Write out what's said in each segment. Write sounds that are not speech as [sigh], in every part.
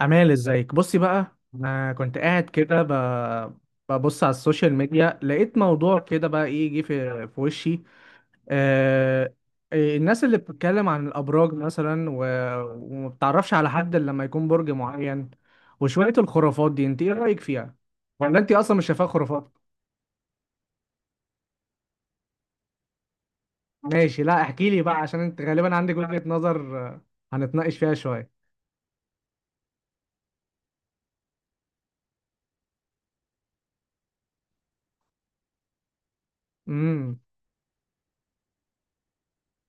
أمال، ازيك؟ بصي بقى. أنا كنت قاعد كده ببص على السوشيال ميديا، لقيت موضوع كده بقى إيه جه في وشي. آه... إيه، الناس اللي بتتكلم عن الأبراج مثلا و... وما بتعرفش على حد إلا لما يكون برج معين، وشوية الخرافات دي أنت إيه رأيك فيها؟ ولا أنت أصلا مش شايفاها خرافات؟ ماشي، لا احكي لي بقى عشان أنت غالبا عندك وجهة نظر، هنتناقش فيها شوية. امم.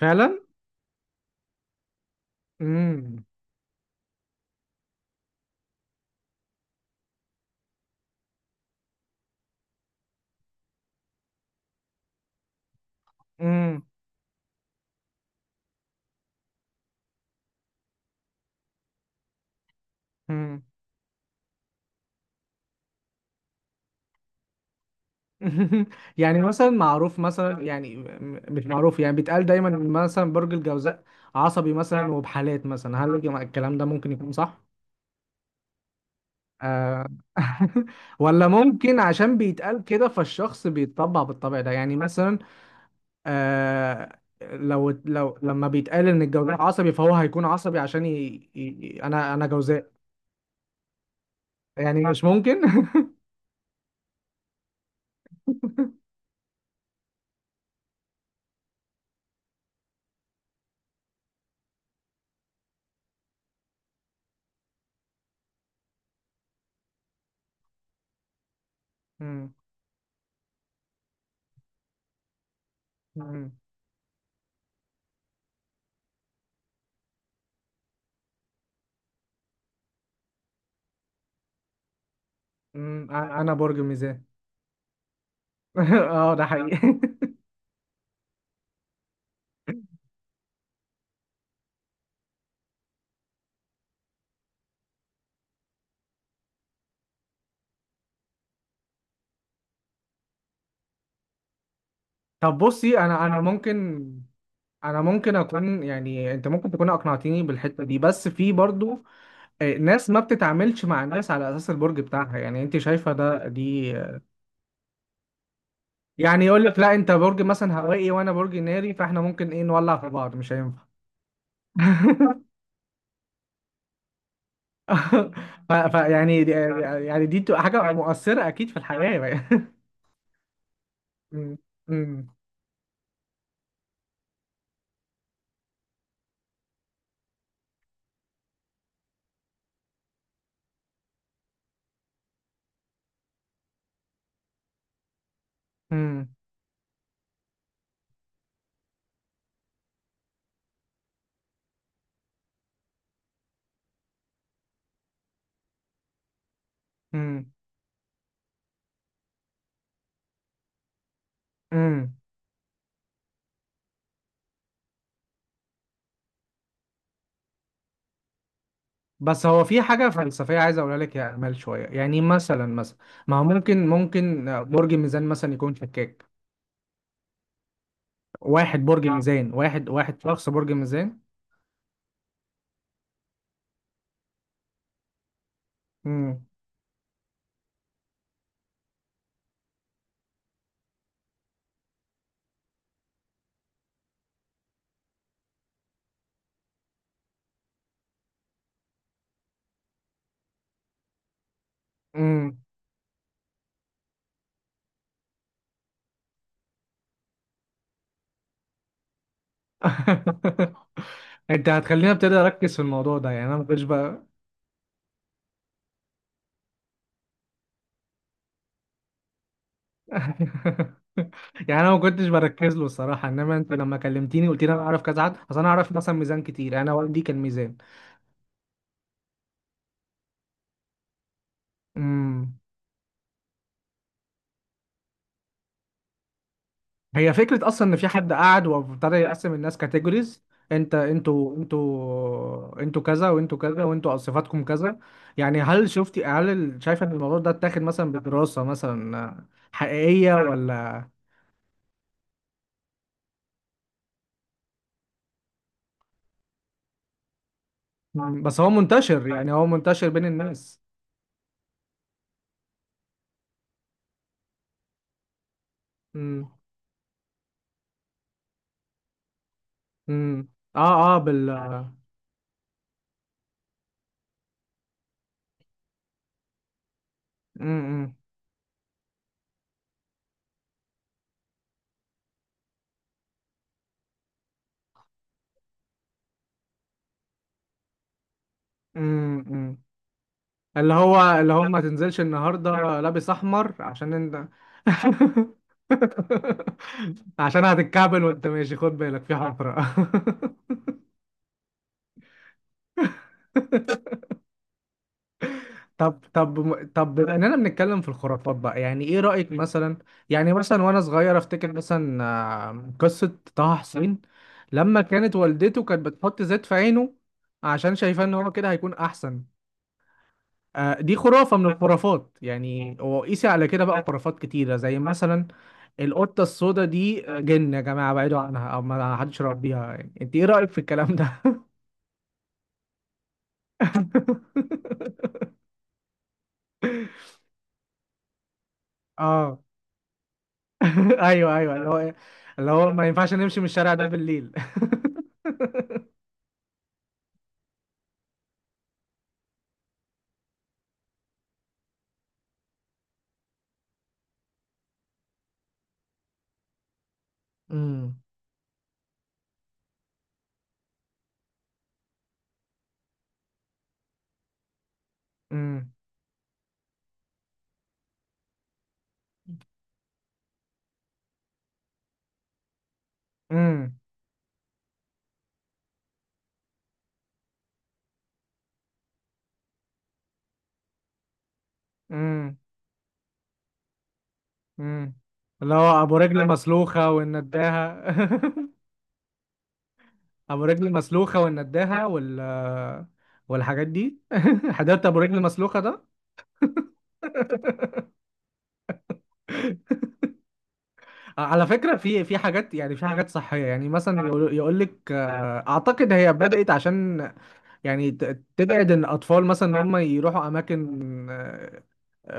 فعلا. امم. امم. امم. [laughs] يعني مثلا معروف مثلا، يعني مش معروف، يعني بيتقال دايما إن مثلا برج الجوزاء عصبي مثلا، وبحالات مثلا هل الكلام ده ممكن يكون صح؟ آه. [laughs] ولا ممكن عشان بيتقال كده فالشخص بيتطبع بالطبع ده، يعني مثلا آه لو لو لما بيتقال ان الجوزاء عصبي فهو هيكون عصبي عشان انا جوزاء. يعني مش ممكن. [laughs] مم. مم. مم. انا برج ميزان. [laughs] اه، ده حقيقي. [laughs] طب بصي، انا ممكن اكون، يعني انت ممكن تكون اقنعتيني بالحته دي، بس في برضو ناس ما بتتعاملش مع الناس على اساس البرج بتاعها، يعني انت شايفه ده دي. يعني يقول لك لا انت برج مثلا هوائي وانا برج ناري، فاحنا ممكن ايه نولع في بعض، مش هينفع. [laughs] ف ف- يعني دي- يعني دي بتبقى حاجه مؤثره اكيد في الحياه، [laughs] يعني. م- م- م- م- م. بس هو في حاجة فلسفية عايز أقولها لك يا أمال شوية. يعني مثلا ما هو ممكن برج ميزان مثلا يكون شكاك، واحد برج ميزان، واحد شخص برج ميزان. امم. امم. [laughs] أنت هتخليني أبتدي أركز في الموضوع ده، يعني أنا ما كنتش بقى. [laughs] يعني أنا ما كنتش بركز له الصراحة، إنما أنت لما كلمتيني قلت لي أنا أعرف كذا حد، أصل أنا أعرف مثلا ميزان كتير، أنا والدي كان ميزان. امم. هي فكرة أصلا إن في حد قعد وابتدى يقسم الناس كاتيجوريز. أنتوا كذا، وأنتوا كذا، وأنتوا صفاتكم كذا. يعني هل شفتي هل ال- شايفة إن الموضوع ده اتاخد مثلا بدراسة مثلا حقيقية ولا؟ مم. بس هو منتشر، يعني هو منتشر بين الناس. امم. امم. اه. اه. امم. امم. اللي هو ما تنزلش النهارده لابس احمر عشان انت. [laughs] عشان هتتكعبل وانت ماشي، خد بالك في حفرة. [laughs] طب، بما اننا بنتكلم في الخرافات بقى، يعني ايه رأيك مثلا؟ يعني مثلا، وانا صغير افتكر مثلا قصة طه حسين، لما كانت والدته كانت بتحط زيت في عينه عشان شايفاه ان هو كده هيكون احسن. دي خرافة من الخرافات، يعني وقيسي على كده بقى خرافات كتيرة زي مثلا القطة السوداء دي. جن يا جماعة، بعيدوا عنها أو ما حدش يربيها. يعني أنت إيه رأيك في الكلام ده؟ [laughs] آه. [laughs] أيوه، أيوه. اللي هو إيه؟ اللي هو ما ينفعش نمشي من الشارع ده بالليل. [laughs] امم. امم. امم. امم. امم. اللي هو أبو رجل مسلوخة والنداهة. [laughs] ابو رجل مسلوخه والنداهه والحاجات دي. [laughs] حضرت ابو رجل مسلوخه ده؟ على فكره، في حاجات يعني، في حاجات صحيه يعني. مثلا يقول لك، اعتقد هي بدات عشان يعني تبعد ان الاطفال مثلا ان هم يروحوا اماكن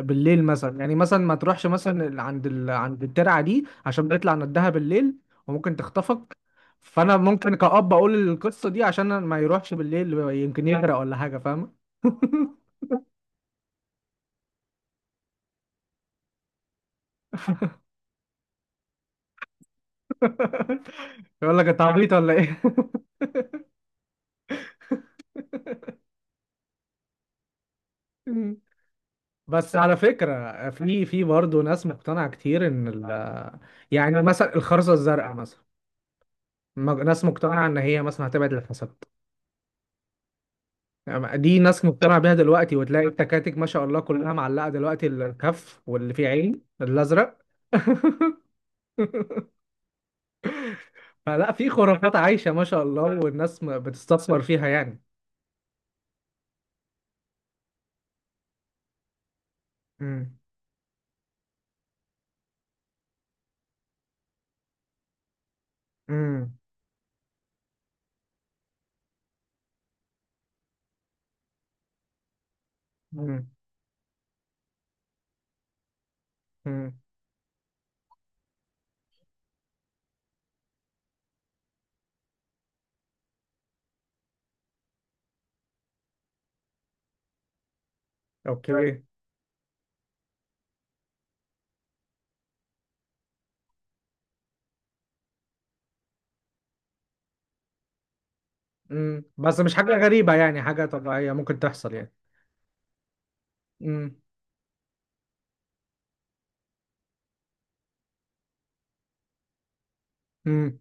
بالليل مثلا. يعني مثلا ما تروحش مثلا عند عند الترعه دي عشان بيطلع ندها بالليل وممكن تخطفك. فانا ممكن كأب اقول القصه دي عشان ما يروحش بالليل، يمكن يغرق ولا حاجه، فاهمه؟ [laughs] [laughs] يقول لك انت عبيط ولا ايه. [laughs] بس على فكرة، في برضه ناس مقتنعة كتير ان ال يعني مثلا الخرزة الزرقاء مثلا، ناس مقتنعة ان هي مثلا هتبعد الحسد. يعني دي ناس مقتنعة بيها دلوقتي، وتلاقي التكاتك ما شاء الله كلها معلقة دلوقتي الكف واللي فيه عين الازرق. [laughs] فلا، في خرافات عايشة ما شاء الله، والناس بتستثمر فيها يعني. امم. امم. امم. اوكي. امم، بس مش حاجة غريبة، يعني حاجة طبيعية ممكن تحصل يعني. امم. امم.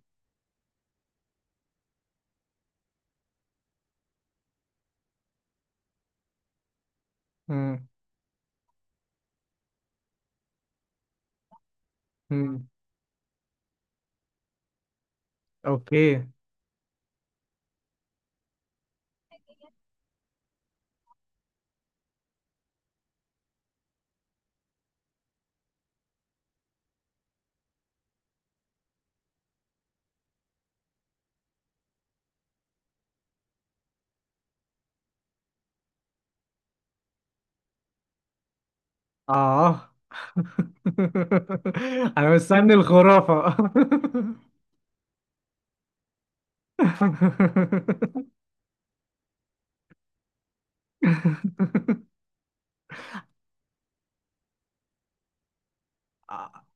امم. امم. اوكي. اه. [laughs] انا مستني الخرافة. [laughs]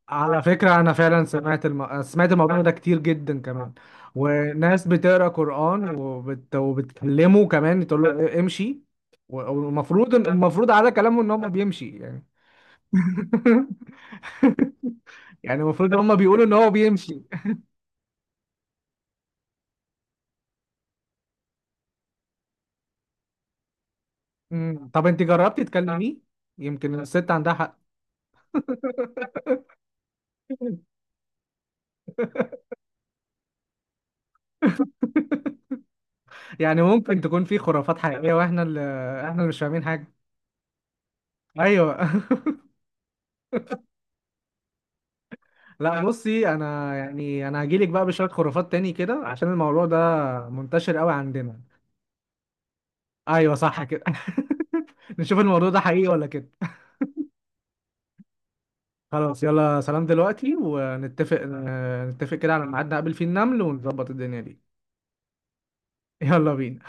على فكرة أنا فعلا سمعت سمعت الموضوع ده كتير جدا كمان، وناس بتقرأ قرآن وبتكلمه كمان، تقول له امشي. والمفروض على كلامه إن هو بيمشي يعني. [laughs] يعني المفروض هما بيقولوا ان هو بيمشي. مم. طب انت جربتي تكلميه؟ يمكن الست عندها حق. [laughs] يعني ممكن تكون في خرافات حقيقية، واحنا اللي مش فاهمين حاجة. ايوه. [laughs] لا بصي، انا يعني انا هجيلك بقى بشوية خرافات تاني كده، عشان الموضوع ده منتشر قوي عندنا. ايوه، صح كده. [laughs] نشوف الموضوع ده حقيقي ولا كده. خلاص يلا سلام، دلوقتي نتفق كده على ميعاد نقابل فيه النمل ونظبط الدنيا دي. يلا بينا.